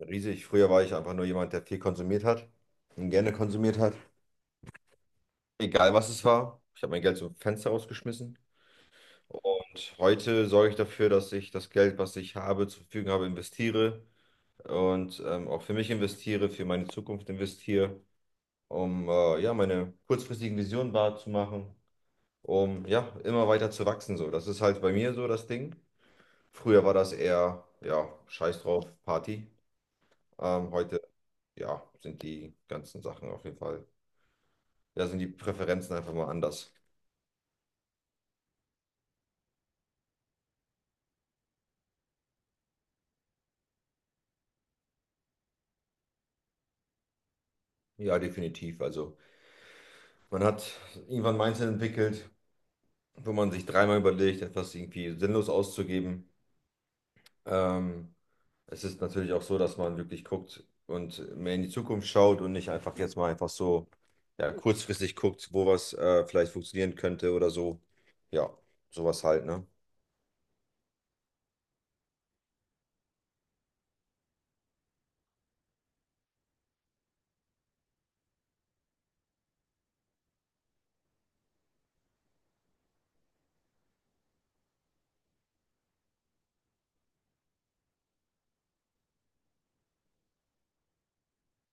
Riesig. Früher war ich einfach nur jemand, der viel konsumiert hat und gerne konsumiert hat. Egal was es war. Ich habe mein Geld zum Fenster rausgeschmissen. Und heute sorge ich dafür, dass ich das Geld, was ich habe, zur Verfügung habe, investiere und auch für mich investiere, für meine Zukunft investiere, um ja, meine kurzfristigen Visionen wahrzumachen, um ja, immer weiter zu wachsen. So. Das ist halt bei mir so das Ding. Früher war das eher, ja, scheiß drauf, Party. Heute, ja, sind die ganzen Sachen auf jeden Fall, ja, sind die Präferenzen einfach mal anders. Ja, definitiv. Also man hat irgendwann ein Mindset entwickelt, wo man sich dreimal überlegt, etwas irgendwie sinnlos auszugeben. Ähm, es ist natürlich auch so, dass man wirklich guckt und mehr in die Zukunft schaut und nicht einfach jetzt mal einfach so, ja, kurzfristig guckt, wo was vielleicht funktionieren könnte oder so. Ja, sowas halt, ne?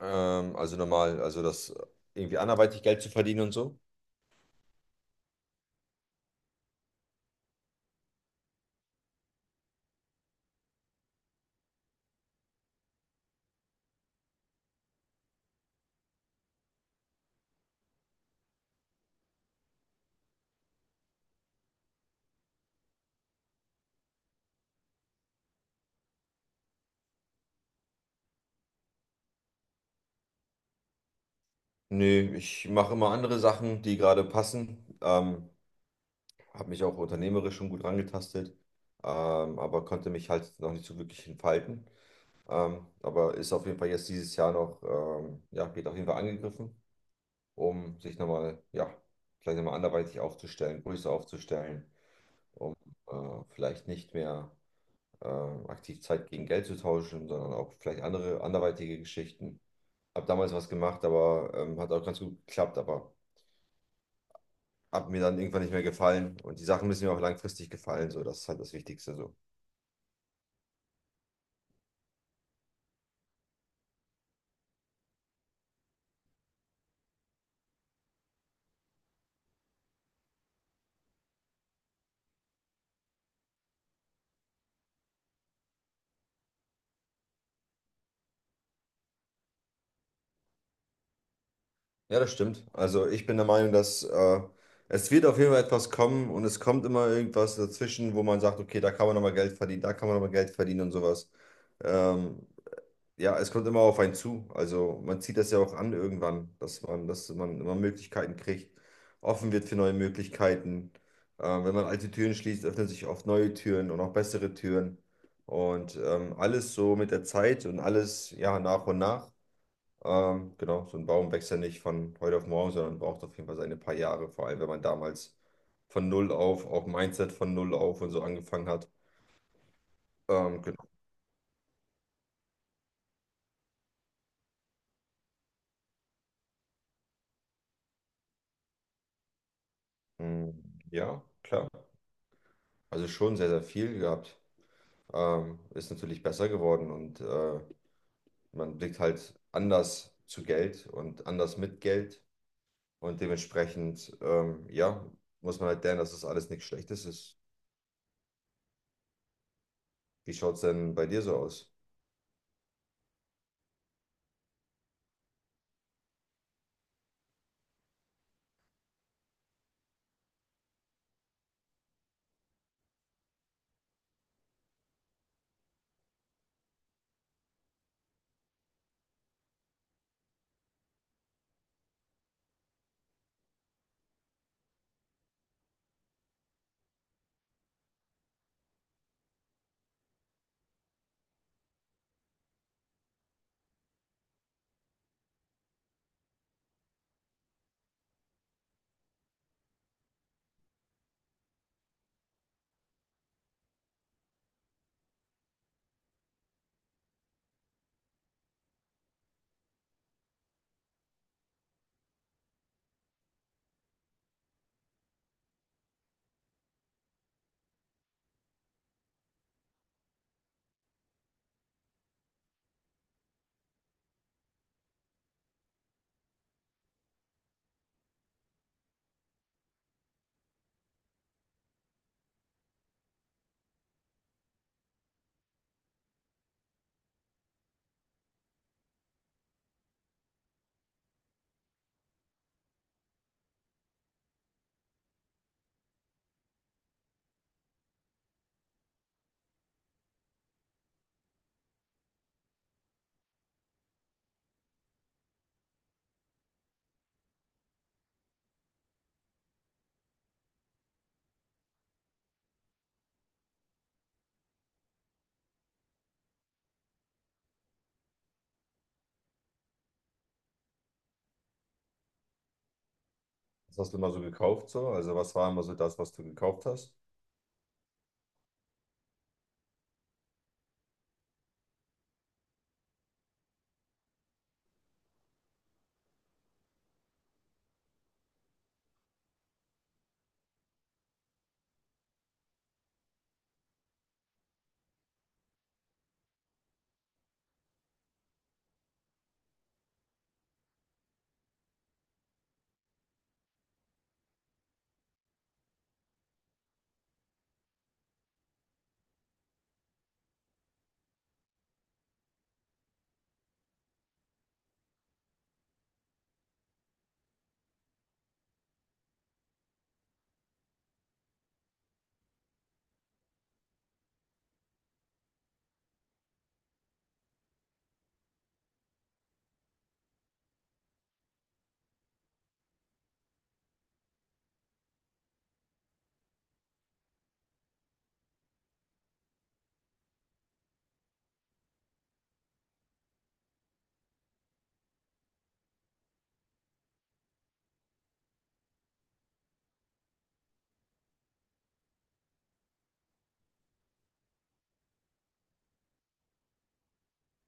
Also normal, also das irgendwie anderweitig Geld zu verdienen und so. Nee, ich mache immer andere Sachen, die gerade passen. Habe mich auch unternehmerisch schon gut rangetastet, aber konnte mich halt noch nicht so wirklich entfalten. Aber ist auf jeden Fall jetzt dieses Jahr noch, ja, geht auf jeden Fall angegriffen, um sich nochmal, ja, vielleicht nochmal anderweitig aufzustellen, größer aufzustellen, um vielleicht nicht mehr äh, aktiv Zeit gegen Geld zu tauschen, sondern auch vielleicht andere anderweitige Geschichten. Habe damals was gemacht, aber hat auch ganz gut geklappt, hat mir dann irgendwann nicht mehr gefallen. Und die Sachen müssen mir auch langfristig gefallen. So, das ist halt das Wichtigste so. Ja, das stimmt. Also ich bin der Meinung, dass es wird auf jeden Fall etwas kommen und es kommt immer irgendwas dazwischen, wo man sagt, okay, da kann man nochmal Geld verdienen, da kann man nochmal Geld verdienen und sowas. Ähm, Ja, es kommt immer auf einen zu. Also man zieht das ja auch an irgendwann, dass man immer Möglichkeiten kriegt, offen wird für neue Möglichkeiten. Wenn man alte Türen schließt, öffnen sich oft neue Türen und auch bessere Türen. Und alles so mit der Zeit und alles ja nach und nach. Genau, so ein Baum wächst ja nicht von heute auf morgen, sondern braucht auf jeden Fall seine paar Jahre, vor allem wenn man damals von null auf, auch Mindset von null auf und so angefangen hat. Genau. Mm, ja, klar. Also schon sehr, sehr viel gehabt. Ist natürlich besser geworden und man blickt halt anders zu Geld und anders mit Geld und dementsprechend, ja, muss man halt lernen, dass das alles nichts Schlechtes ist. Wie schaut es denn bei dir so aus? Was hast du immer so gekauft so? Also was war immer so das, was du gekauft hast?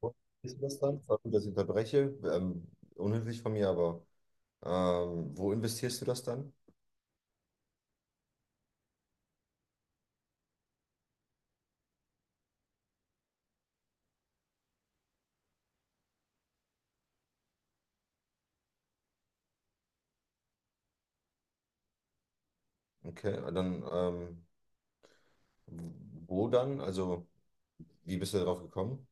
Wo Ist das dann? Sorry, dass ich unterbreche. Unhöflich von mir, aber wo investierst du das dann? Okay, dann wo dann? Also wie bist du darauf gekommen?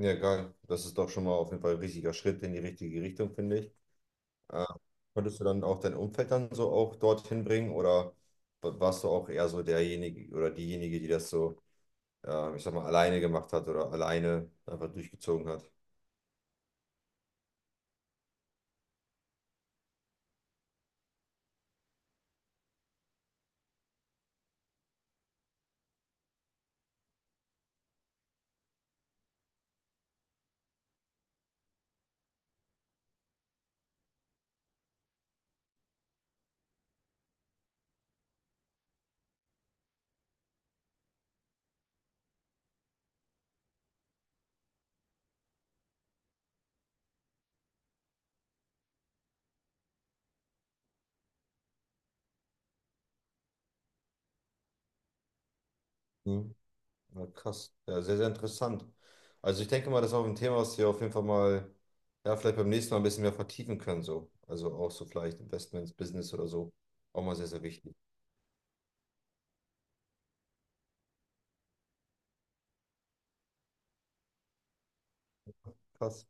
Ja, geil. Das ist doch schon mal auf jeden Fall ein richtiger Schritt in die richtige Richtung, finde ich. Äh, konntest du dann auch dein Umfeld dann so auch dorthin bringen oder warst du auch eher so derjenige oder diejenige, die das so, ich sag mal, alleine gemacht hat oder alleine einfach durchgezogen hat? Hm. Ja, krass. Ja, sehr, sehr interessant. Also ich denke mal, das ist auch ein Thema, was wir auf jeden Fall mal, ja, vielleicht beim nächsten Mal ein bisschen mehr vertiefen können, so. Also auch so vielleicht Investments, Business oder so. Auch mal sehr, sehr wichtig. Krass.